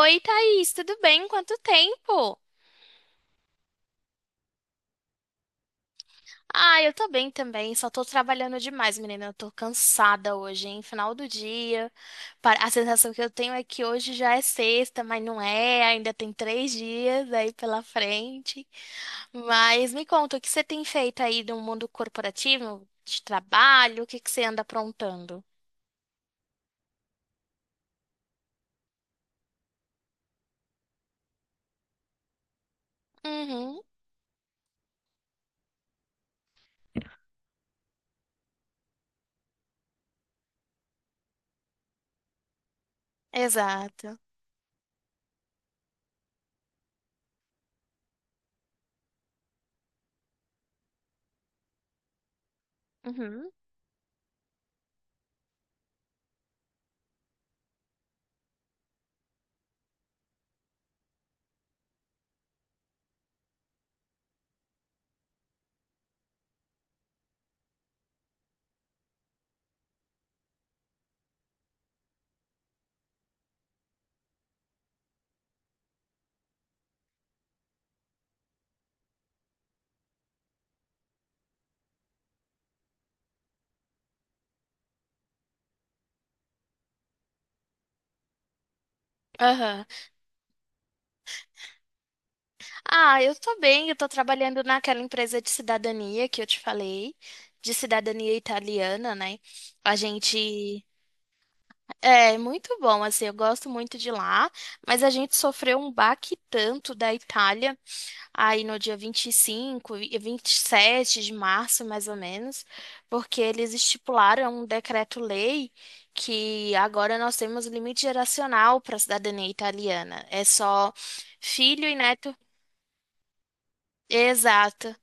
Oi, Thaís, tudo bem? Quanto tempo? Ah, eu tô bem também, só tô trabalhando demais, menina. Eu tô cansada hoje, hein? Final do dia. A sensação que eu tenho é que hoje já é sexta, mas não é, ainda tem três dias aí pela frente. Mas me conta, o que você tem feito aí no mundo corporativo, de trabalho? O que que você anda aprontando? Uhum, exato. Uhum. Ah, eu tô bem, eu tô trabalhando naquela empresa de cidadania que eu te falei, de cidadania italiana, né? A gente é muito bom, assim, eu gosto muito de lá, mas a gente sofreu um baque tanto da Itália aí no dia 25 e 27 de março, mais ou menos, porque eles estipularam um decreto-lei que agora nós temos limite geracional para a cidadania italiana. É só filho e neto. Exato.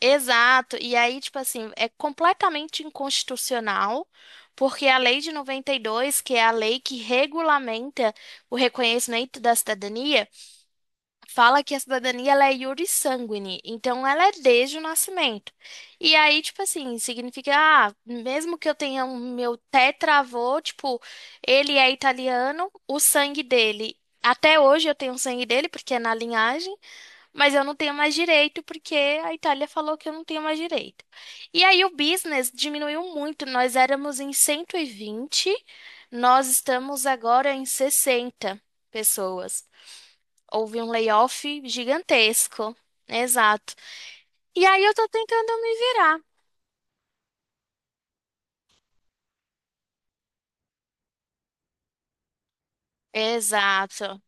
Exato. E aí, tipo assim, é completamente inconstitucional, porque a Lei de 92, que é a lei que regulamenta o reconhecimento da cidadania, fala que a cidadania ela é iure sanguine, então ela é desde o nascimento. E aí, tipo assim, significa, ah, mesmo que eu tenha um meu tetravô, tipo, ele é italiano, o sangue dele. Até hoje eu tenho o sangue dele, porque é na linhagem. Mas eu não tenho mais direito porque a Itália falou que eu não tenho mais direito. E aí o business diminuiu muito. Nós éramos em 120, nós estamos agora em 60 pessoas. Houve um layoff gigantesco. Exato. E aí eu tô tentando me virar. Exato.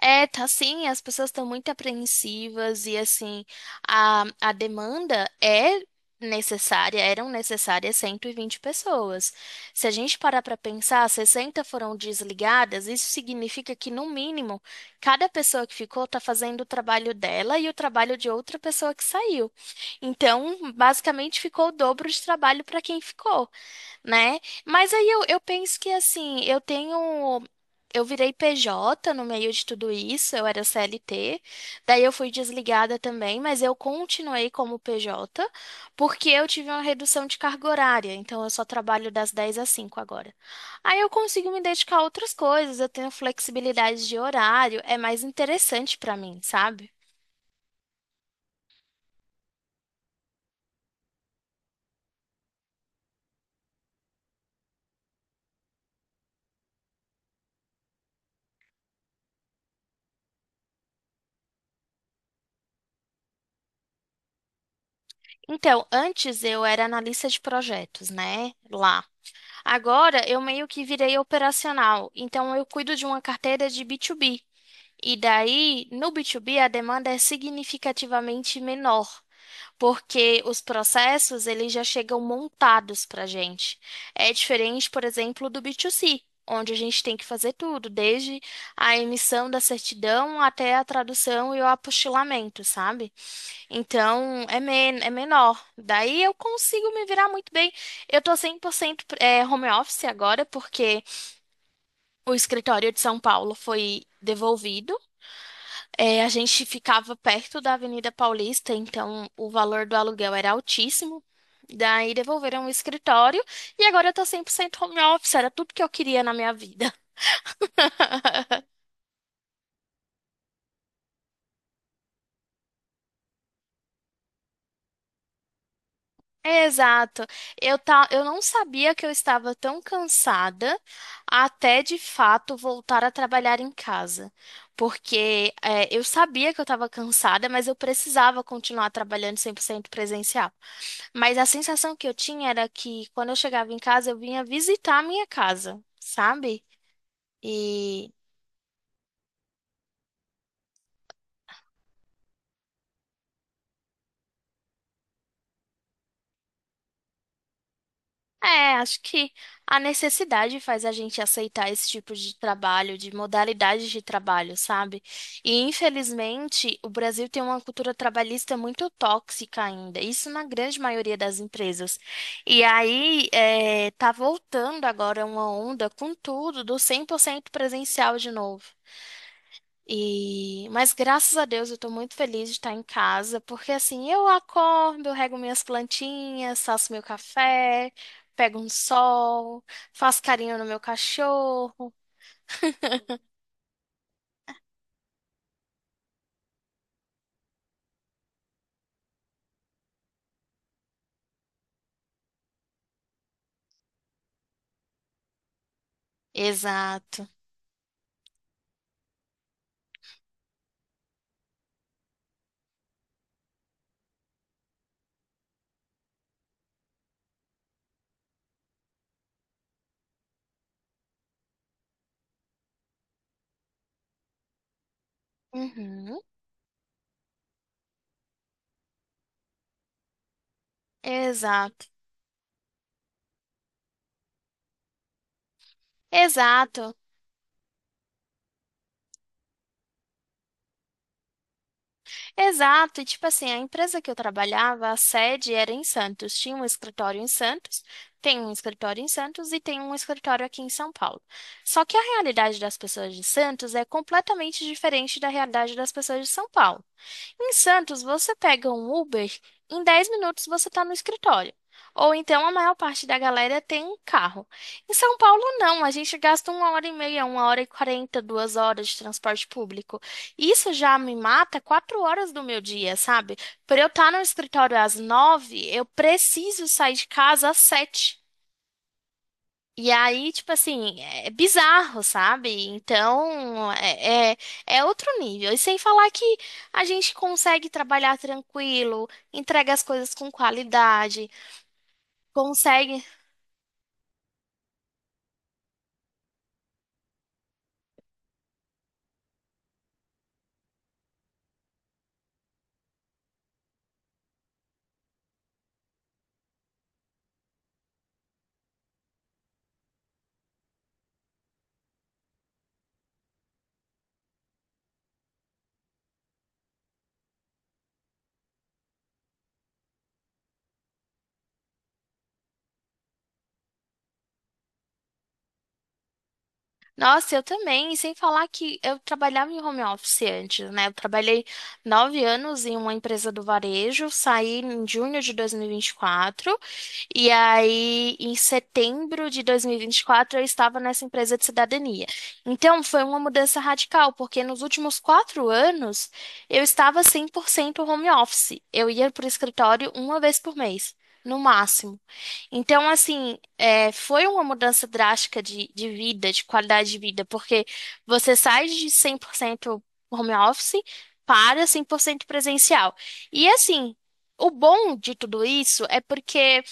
É, tá sim, as pessoas estão muito apreensivas e assim, a demanda é necessária, eram necessárias 120 pessoas. Se a gente parar para pensar, 60 foram desligadas, isso significa que no mínimo, cada pessoa que ficou está fazendo o trabalho dela e o trabalho de outra pessoa que saiu. Então, basicamente ficou o dobro de trabalho para quem ficou, né? Mas aí eu penso que assim, eu tenho. Eu virei PJ no meio de tudo isso, eu era CLT, daí eu fui desligada também, mas eu continuei como PJ, porque eu tive uma redução de carga horária, então eu só trabalho das 10 às 5 agora. Aí eu consigo me dedicar a outras coisas, eu tenho flexibilidade de horário, é mais interessante pra mim, sabe? Então, antes eu era analista de projetos, né? Lá. Agora eu meio que virei operacional, então eu cuido de uma carteira de B2B. E daí, no B2B, a demanda é significativamente menor, porque os processos eles já chegam montados para a gente. É diferente, por exemplo, do B2C, onde a gente tem que fazer tudo, desde a emissão da certidão até a tradução e o apostilamento, sabe? Então, é, men é menor. Daí eu consigo me virar muito bem. Eu tô 100% home office agora, porque o escritório de São Paulo foi devolvido. É, a gente ficava perto da Avenida Paulista, então o valor do aluguel era altíssimo. Daí devolveram o escritório e agora eu tô 100% home office. Era tudo que eu queria na minha vida. Exato. Eu, tá, eu não sabia que eu estava tão cansada até de fato voltar a trabalhar em casa. Porque é, eu sabia que eu estava cansada, mas eu precisava continuar trabalhando 100% presencial. Mas a sensação que eu tinha era que quando eu chegava em casa, eu vinha visitar a minha casa, sabe? E é, acho que a necessidade faz a gente aceitar esse tipo de trabalho, de modalidade de trabalho, sabe? E infelizmente o Brasil tem uma cultura trabalhista muito tóxica ainda, isso na grande maioria das empresas. E aí é, tá voltando agora uma onda com tudo do 100% presencial de novo. E, mas graças a Deus eu tô muito feliz de estar em casa, porque assim, eu acordo, eu rego minhas plantinhas, faço meu café, pego um sol, faço carinho no meu cachorro. Exato. Uhum, exato. Exato. Exato, e tipo assim, a empresa que eu trabalhava, a sede era em Santos. Tinha um escritório em Santos, tem um escritório em Santos e tem um escritório aqui em São Paulo. Só que a realidade das pessoas de Santos é completamente diferente da realidade das pessoas de São Paulo. Em Santos, você pega um Uber, em 10 minutos você está no escritório. Ou então a maior parte da galera tem um carro. Em São Paulo, não. A gente gasta uma hora e meia, uma hora e quarenta, 2 horas de transporte público. Isso já me mata 4 horas do meu dia, sabe? Para eu estar no escritório às nove, eu preciso sair de casa às sete. E aí, tipo assim, é bizarro, sabe? Então, é outro nível. E sem falar que a gente consegue trabalhar tranquilo, entrega as coisas com qualidade, consegue Nossa, eu também. E sem falar que eu trabalhava em home office antes, né? Eu trabalhei 9 anos em uma empresa do varejo, saí em junho de dois mil e vinte e quatro e aí em setembro de dois mil e vinte e quatro, eu estava nessa empresa de cidadania. Então foi uma mudança radical, porque nos últimos 4 anos eu estava 100% home office. Eu ia para o escritório uma vez por mês, no máximo. Então, assim, é, foi uma mudança drástica de vida, de qualidade de vida, porque você sai de 100% home office para 100% presencial. E, assim, o bom de tudo isso é porque,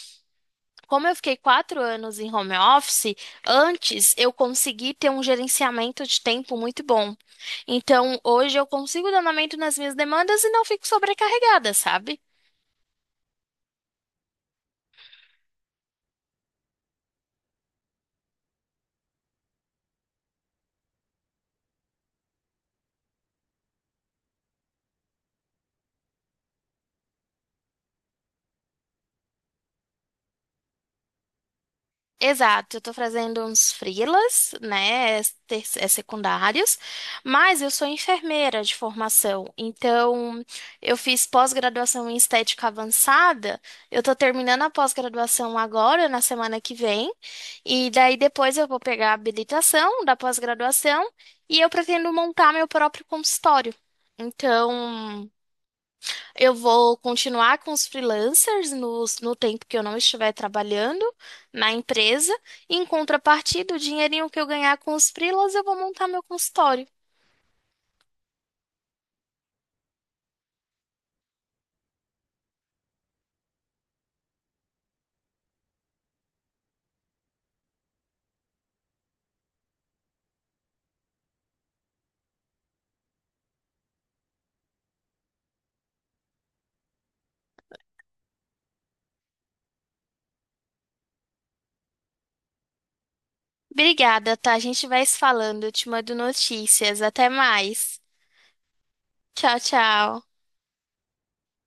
como eu fiquei 4 anos em home office, antes eu consegui ter um gerenciamento de tempo muito bom. Então, hoje eu consigo dar andamento nas minhas demandas e não fico sobrecarregada, sabe? Exato, eu tô fazendo uns freelas, né, é, secundários, mas eu sou enfermeira de formação, então eu fiz pós-graduação em estética avançada, eu tô terminando a pós-graduação agora, na semana que vem, e daí depois eu vou pegar a habilitação da pós-graduação e eu pretendo montar meu próprio consultório. Então, eu vou continuar com os freelancers no tempo que eu não estiver trabalhando na empresa. E, em contrapartida, o dinheirinho que eu ganhar com os freelas, eu vou montar meu consultório. Obrigada, tá? A gente vai se falando. Eu te mando notícias. Até mais. Tchau, tchau.